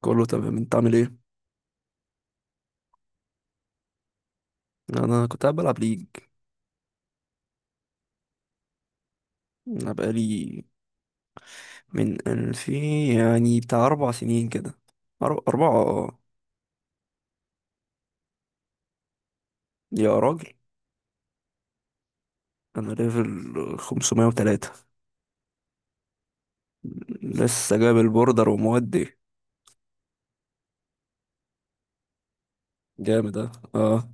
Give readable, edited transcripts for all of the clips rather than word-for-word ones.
كله تمام، انت عامل ايه؟ انا كنت قاعد بلعب ليج. انا بقالي من الفين يعني بتاع اربع سنين كده. اربعة اه. يا راجل، انا ليفل 503. لسه جايب البوردر ومودي جامد. اه اه.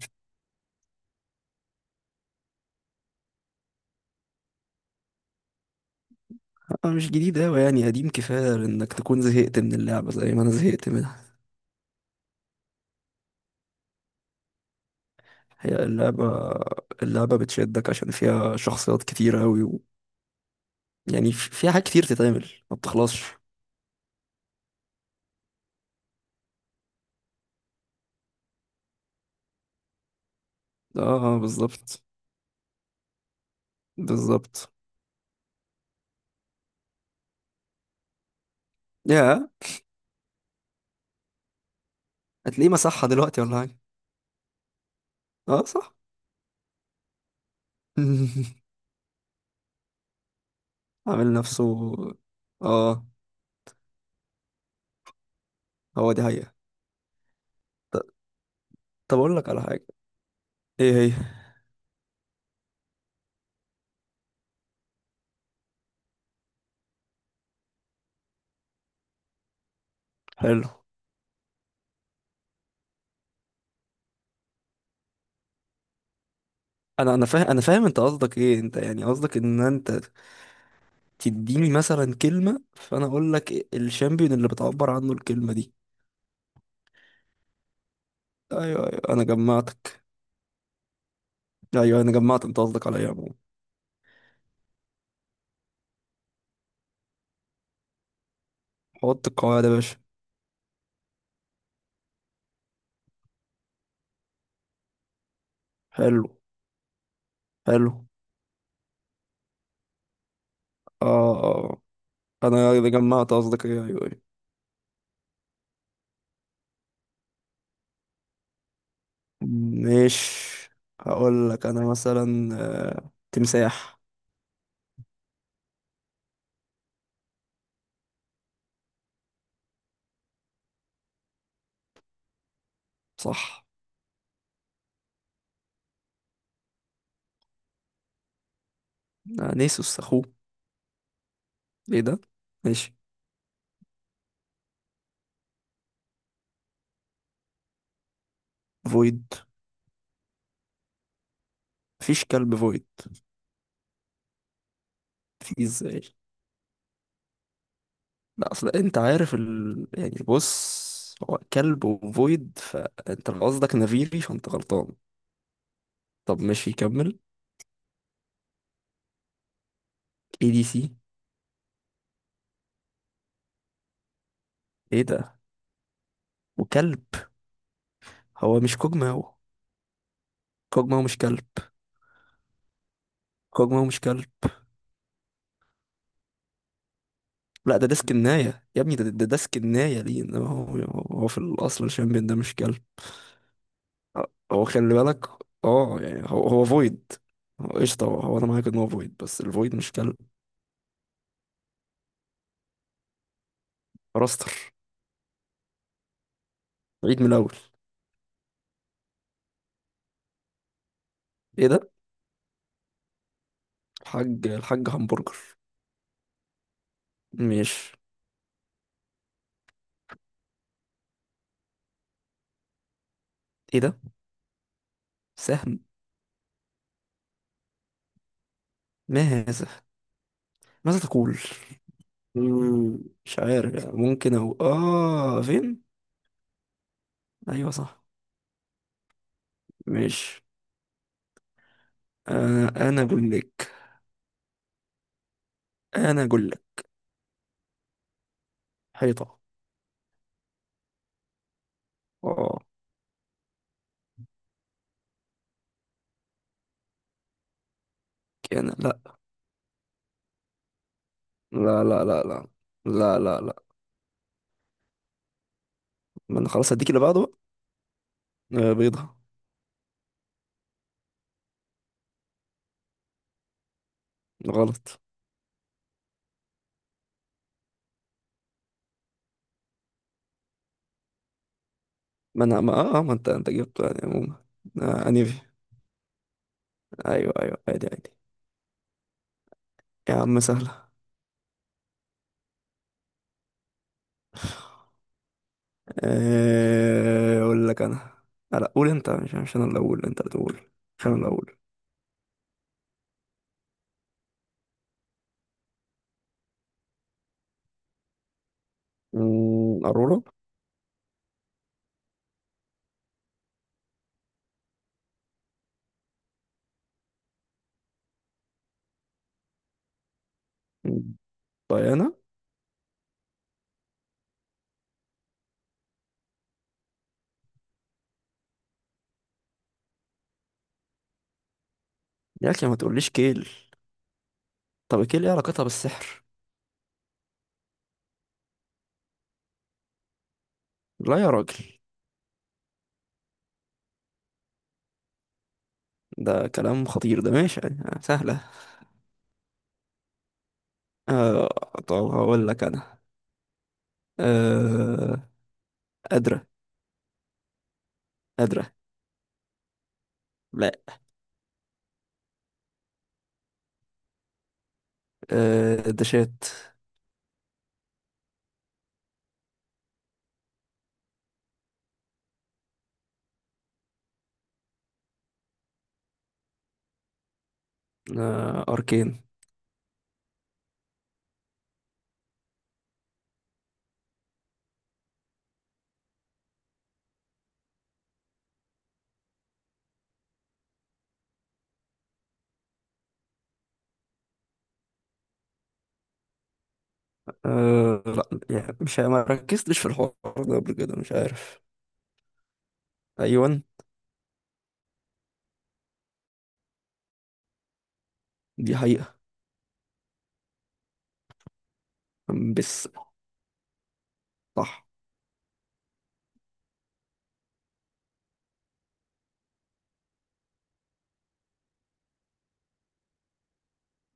انا مش جديد اوي يعني قديم كفاية انك تكون زهقت من اللعبة زي ما انا زهقت منها. هي اللعبة، اللعبة بتشدك عشان فيها شخصيات كتير اوي و... يعني فيها حاجات كتير تتعمل، ما بتخلصش. اه بالظبط، بالظبط. يا، هتلاقيه مسحها دلوقتي ولا حاجة؟ اه صح. عامل نفسه. اه. هو دي حقيقة. طب اقول لك على حاجة. ايه هي؟ حلو. انا فاهم، فاهم انت قصدك ايه، انت يعني قصدك ان انت تديني مثلا كلمة فانا اقول لك إيه الشامبيون اللي بتعبر عنه الكلمة دي. ايوه ايوه، انا جمعتك. ايوه انا جمعت انت قصدك على ايه يا عمو. حط القواعد يا باشا. حلو. حلو. اه. اه. آه. انا جمعت قصدك ايه. ايوه أيوة. مش هقول لك انا مثلا تمساح. صح. نيسوس اخوه. ايه ده؟ ماشي. فويد. مفيش كلب فويد. في ازاي؟ لا اصل انت عارف ال... يعني بص، هو كلب وفويد، فانت لو قصدك نافيري فانت غلطان. طب ماشي كمل. اي دي سي. ايه ده؟ وكلب؟ هو مش كوجماو؟ كوجماو مش كلب. كوجماو مش كلب. لا ده ديسك الناية يا ابني، ده ديسك الناية ليه، انما هو، هو في الاصل الشامبيون ده مش كلب. هو خلي بالك، اه يعني هو فويد. هو قشطة، هو انا معاك ان هو فويد، بس الفويد مش كلب. راستر. عيد من الاول. ايه ده؟ الحاج الحاج همبرجر. مش ايه ده؟ سهم. ما هذا؟ ماذا تقول؟ مم، مش عارف يعني، ممكن او اه فين. ايوه صح. مش، انا اقول لك، انا اقول لك حيطة. اه. كان لا. لا لا لا لا، لا لا لا. ما انا خلاص هديك اللي بعده بقى. بيضة. غلط. ما انا ما اه ما انت جبته يعني عموما. آه انيفي. ايوه ايوه، عادي عادي. يا عم سهلة. اقول لك انا لا قول انت. مش انا اللي اقول، انت اللي تقول. مش انا اللي اقول. ارورا. أمم، ديانا. يا اخي ما تقوليش كيل. طب كيل ايه علاقتها بالسحر؟ لا يا راجل. ده كلام خطير ده، ماشي يعني. سهلة. آه طب هقول لك انا. آه قادرة. قادرة. لا. آه دشات. آه اركين. أه لا، يعني مش ما ركزتش في الحوار ده قبل كده، مش عارف. ايوه. دي حقيقة. بس. صح.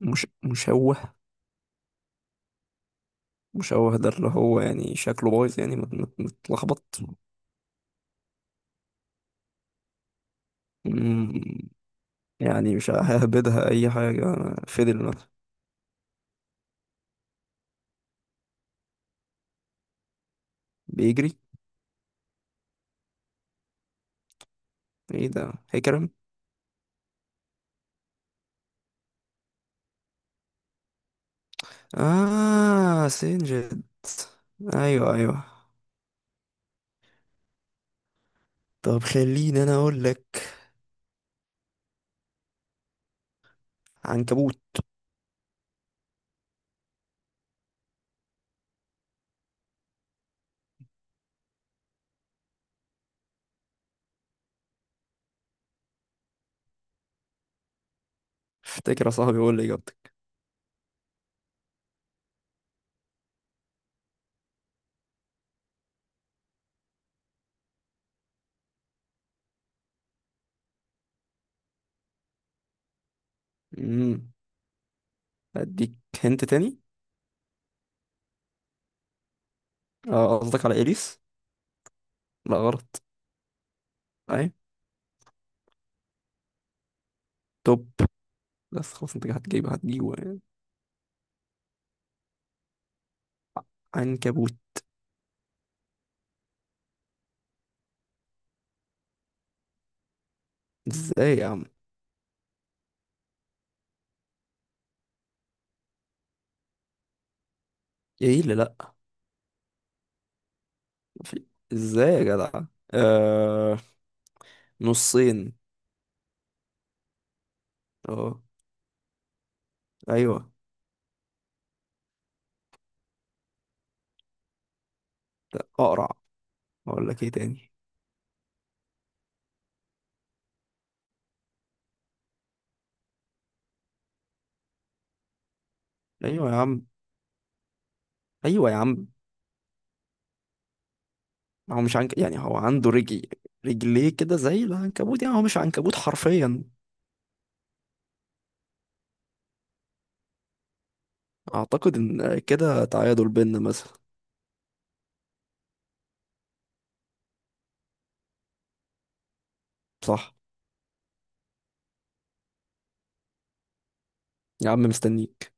مش مشوه. مشوه ده اللي هو يعني شكله بايظ، يعني متلخبط. مم، يعني مش ههبدها اي حاجة. فضل مثلا. بيجري. ايه ده هيكرم. اه سنجد. ايوه ايوه. طب خليني انا اقول لك. عنكبوت. افتكر يا صاحبي، قول لي اجابتك. امم. اديك هنت تاني. اه قصدك على اليس؟ لا غلط. اي توب. بس خلاص انت هتجيبه هتجيبه يعني. عنكبوت. ازاي يا عم؟ ايه اللي لا؟ في. ازاي يا جدع؟ آه... نصين. اه. ايوه. لا اقرع. اقول لك ايه تاني؟ ايوه يا عم. ايوه يا عم. هو مش عنك، يعني هو عنده رجل، رجليه كده زي العنكبوت، يعني هو مش عنكبوت حرفيا. اعتقد ان كده تعادل بينا مثلا. صح. يا عم مستنيك.